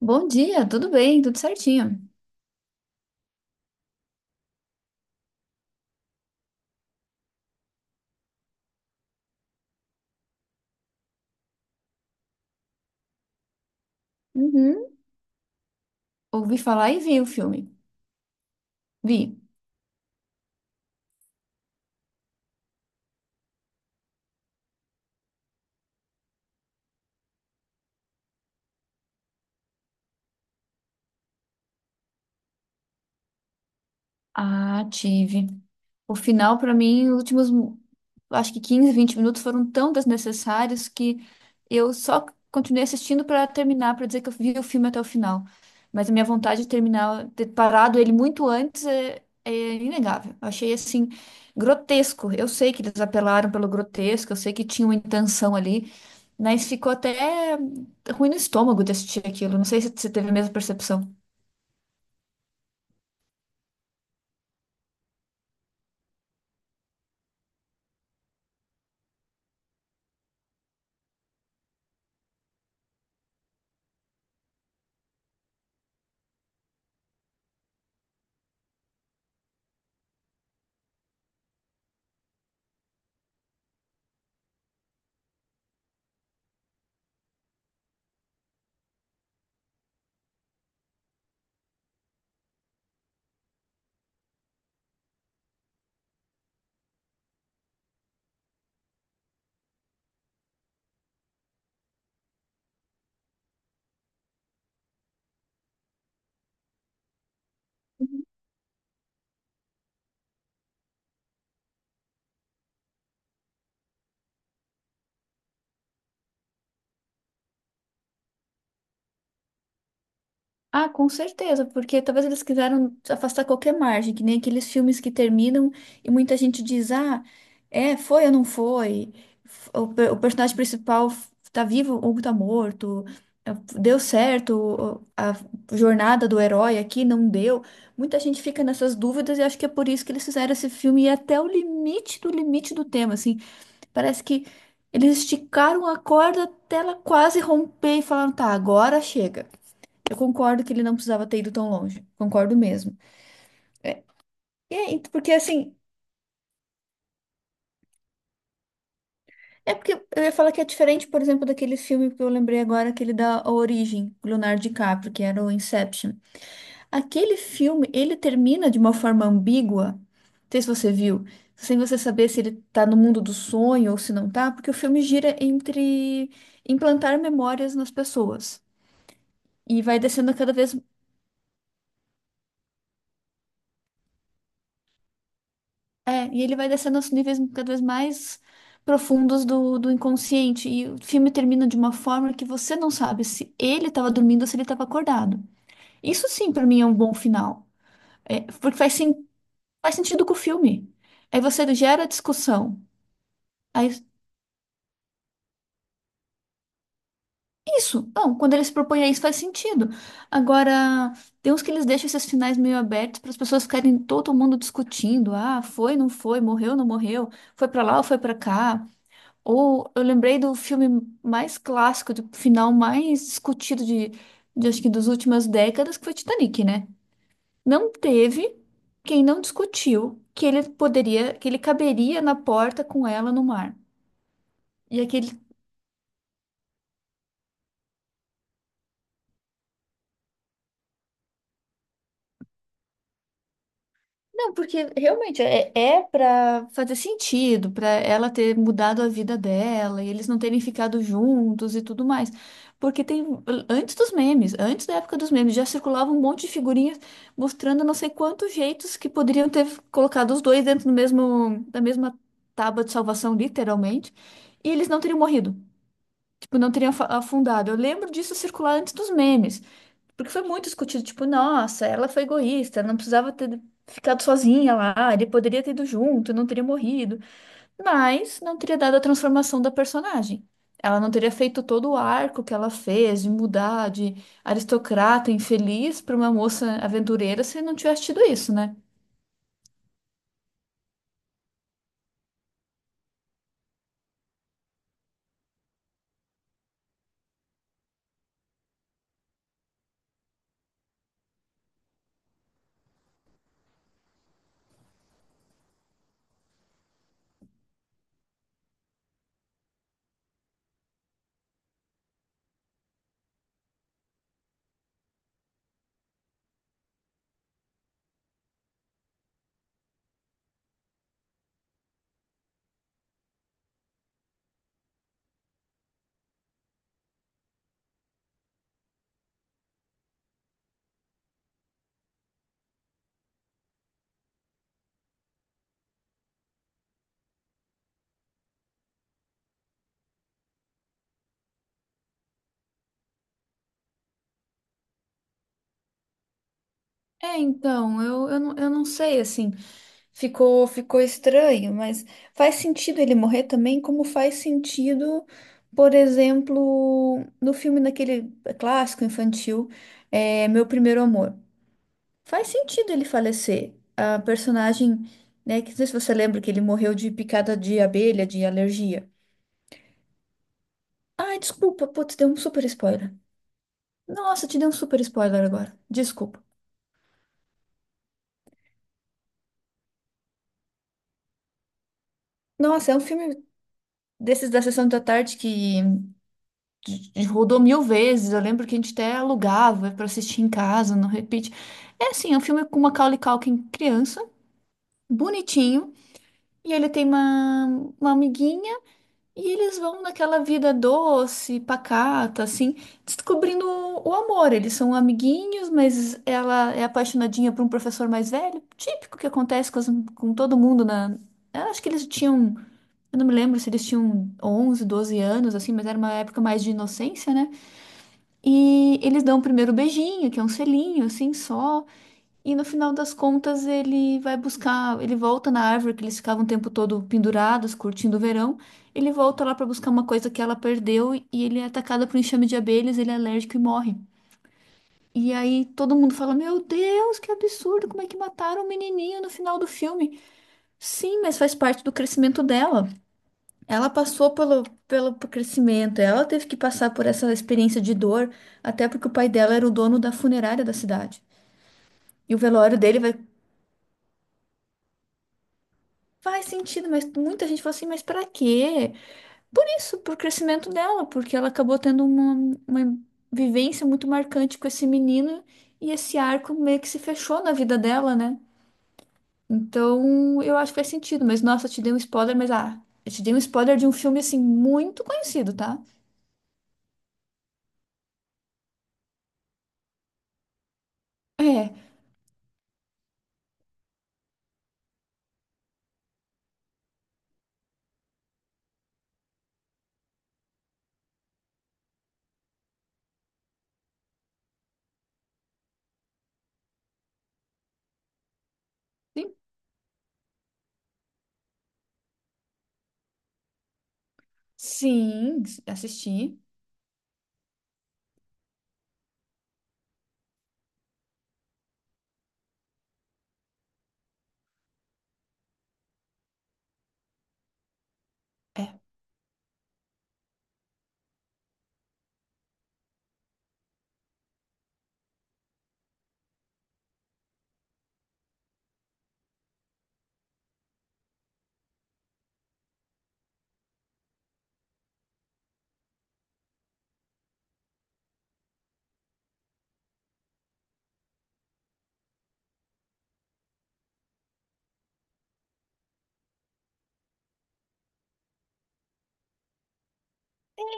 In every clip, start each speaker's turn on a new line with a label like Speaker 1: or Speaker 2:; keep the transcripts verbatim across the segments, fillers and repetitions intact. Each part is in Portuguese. Speaker 1: Bom dia, tudo bem, tudo certinho. Uhum. Ouvi falar e vi o filme. Vi. Ah, tive. O final, pra mim, os últimos, acho que quinze, vinte minutos foram tão desnecessários que eu só continuei assistindo pra terminar, pra dizer que eu vi o filme até o final. Mas a minha vontade de terminar, ter parado ele muito antes é, é inegável. Eu achei assim grotesco. Eu sei que eles apelaram pelo grotesco, eu sei que tinha uma intenção ali, mas ficou até ruim no estômago de assistir aquilo. Não sei se você teve a mesma percepção. Ah, com certeza, porque talvez eles quiseram afastar qualquer margem, que nem aqueles filmes que terminam e muita gente diz, ah, é, foi ou não foi? F- O, pe- o personagem principal f- tá vivo ou tá morto? É, Deu certo o- a jornada do herói aqui? Não deu? Muita gente fica nessas dúvidas e acho que é por isso que eles fizeram esse filme e é até o limite do limite do tema, assim. Parece que eles esticaram a corda até ela quase romper e falaram, tá, agora chega. Eu concordo que ele não precisava ter ido tão longe. Concordo mesmo. E é, ent- porque assim, é porque eu ia falar que é diferente, por exemplo, daquele filme que eu lembrei agora, aquele da A Origem, com Leonardo DiCaprio, que era o Inception. Aquele filme, ele termina de uma forma ambígua. Não sei se você viu, sem você saber se ele tá no mundo do sonho ou se não tá, porque o filme gira entre implantar memórias nas pessoas. E vai descendo cada vez É, e ele vai descendo aos níveis cada vez mais profundos do, do inconsciente. E o filme termina de uma forma que você não sabe se ele estava dormindo ou se ele estava acordado. Isso sim, para mim, é um bom final. É, porque faz, sen- faz sentido com o filme. Aí você gera discussão. Aí, isso, não, quando ele se propõe a isso, faz sentido. Agora, tem uns que eles deixam esses finais meio abertos para as pessoas ficarem todo mundo discutindo. Ah, foi, não foi, morreu, não morreu, foi para lá ou foi para cá. Ou eu lembrei do filme mais clássico, do final mais discutido de, de acho que das últimas décadas, que foi Titanic, né? Não teve quem não discutiu que ele poderia, que ele caberia na porta com ela no mar. E aquele. Não, porque realmente é, é para fazer sentido, para ela ter mudado a vida dela e eles não terem ficado juntos e tudo mais. Porque tem antes dos memes, antes da época dos memes, já circulava um monte de figurinhas mostrando não sei quantos jeitos que poderiam ter colocado os dois dentro do mesmo da mesma tábua de salvação, literalmente, e eles não teriam morrido, tipo, não teriam afa- afundado. Eu lembro disso circular antes dos memes. Porque foi muito discutido, tipo, nossa, ela foi egoísta, não precisava ter ficado sozinha lá, ele poderia ter ido junto, não teria morrido, mas não teria dado a transformação da personagem. Ela não teria feito todo o arco que ela fez de mudar de aristocrata infeliz para uma moça aventureira se não tivesse tido isso, né? É, então, eu, eu, não- eu não sei, assim, ficou, ficou estranho, mas faz sentido ele morrer também, como faz sentido, por exemplo, no filme daquele clássico infantil, é, Meu Primeiro Amor. Faz sentido ele falecer. A personagem, né, que não sei se você lembra que ele morreu de picada de abelha, de alergia. Ai, desculpa, putz, deu um super spoiler. Nossa, te dei um super spoiler agora. Desculpa. Nossa, é um filme desses da sessão da tarde que de- rodou mil vezes. Eu lembro que a gente até alugava pra assistir em casa, não repeat. É assim, é um filme com Macaulay Culkin criança, bonitinho, e ele tem uma, uma amiguinha, e eles vão naquela vida doce, pacata, assim, descobrindo o, o amor. Eles são amiguinhos, mas ela é apaixonadinha por um professor mais velho, típico que acontece com, as- com todo mundo na. Eu acho que eles tinham. Eu não me lembro se eles tinham onze, doze anos, assim, mas era uma época mais de inocência, né? E eles dão o primeiro beijinho, que é um selinho, assim, só. E no final das contas, ele vai buscar, ele volta na árvore que eles ficavam o tempo todo pendurados, curtindo o verão. Ele volta lá para buscar uma coisa que ela perdeu e ele é atacado por um enxame de abelhas, ele é alérgico e morre. E aí todo mundo fala: Meu Deus, que absurdo, como é que mataram o menininho no final do filme? Sim, mas faz parte do crescimento dela. Ela passou pelo, pelo crescimento, ela teve que passar por essa experiência de dor, até porque o pai dela era o dono da funerária da cidade. E o velório dele vai, faz sentido, mas muita gente fala assim, mas pra quê? Por isso, por crescimento dela, porque ela acabou tendo uma, uma vivência muito marcante com esse menino e esse arco meio que se fechou na vida dela, né? Então, eu acho que faz sentido, mas nossa, eu te dei um spoiler, mas ah, eu te dei um spoiler de um filme assim muito conhecido, tá? É. Sim, assisti. É.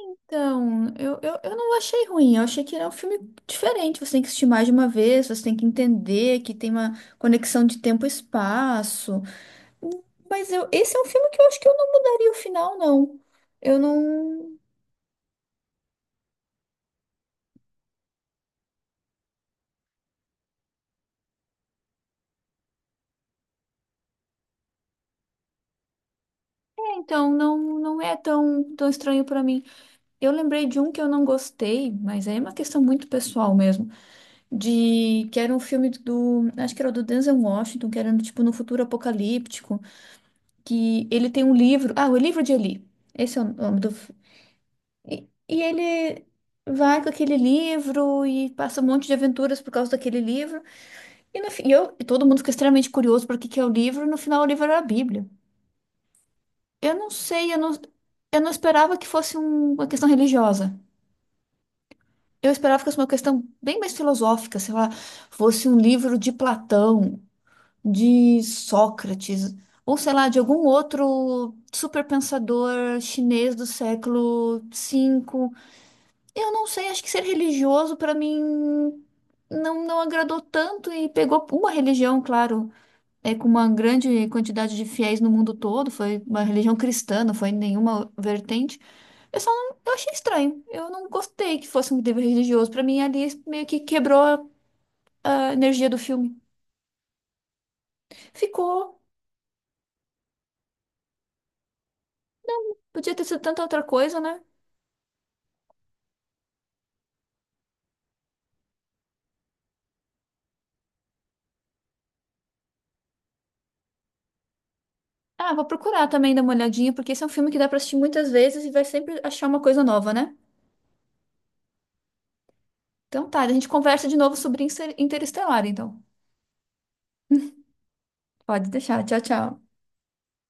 Speaker 1: Então, eu, eu, eu não achei ruim, eu achei que era um filme diferente. Você tem que assistir mais de uma vez, você tem que entender que tem uma conexão de tempo e espaço. Mas eu, esse é um filme que eu acho que eu não mudaria o final, não. Eu não. Então, não, não é tão, tão estranho pra mim. Eu lembrei de um que eu não gostei, mas aí é uma questão muito pessoal mesmo. De que era um filme do. Acho que era do Denzel Washington, que era tipo no futuro apocalíptico, que ele tem um livro. Ah, o livro de Eli. Esse é o nome do. E, e ele vai com aquele livro e passa um monte de aventuras por causa daquele livro. E, no, fi- e eu, e todo mundo fica extremamente curioso para o que que é o livro. E no final, o livro era a Bíblia. Eu não sei, eu não, eu não esperava que fosse um- uma questão religiosa. Eu esperava que fosse uma questão bem mais filosófica, sei lá, fosse um livro de Platão, de Sócrates, ou sei lá, de algum outro superpensador chinês do século cinco. Eu não sei, acho que ser religioso para mim não, não agradou tanto e pegou uma religião, claro, é com uma grande quantidade de fiéis no mundo todo, foi uma religião cristã, não foi nenhuma vertente. Eu só não, eu achei estranho. Eu não gostei que fosse um dever religioso. Para mim ali meio que quebrou a a energia do filme. Ficou Podia ter sido tanta outra coisa, né? Ah, vou procurar também dar uma olhadinha, porque esse é um filme que dá pra assistir muitas vezes e vai sempre achar uma coisa nova, né? Então tá, a gente conversa de novo sobre Inter- Interestelar, então. Pode deixar. Tchau, tchau.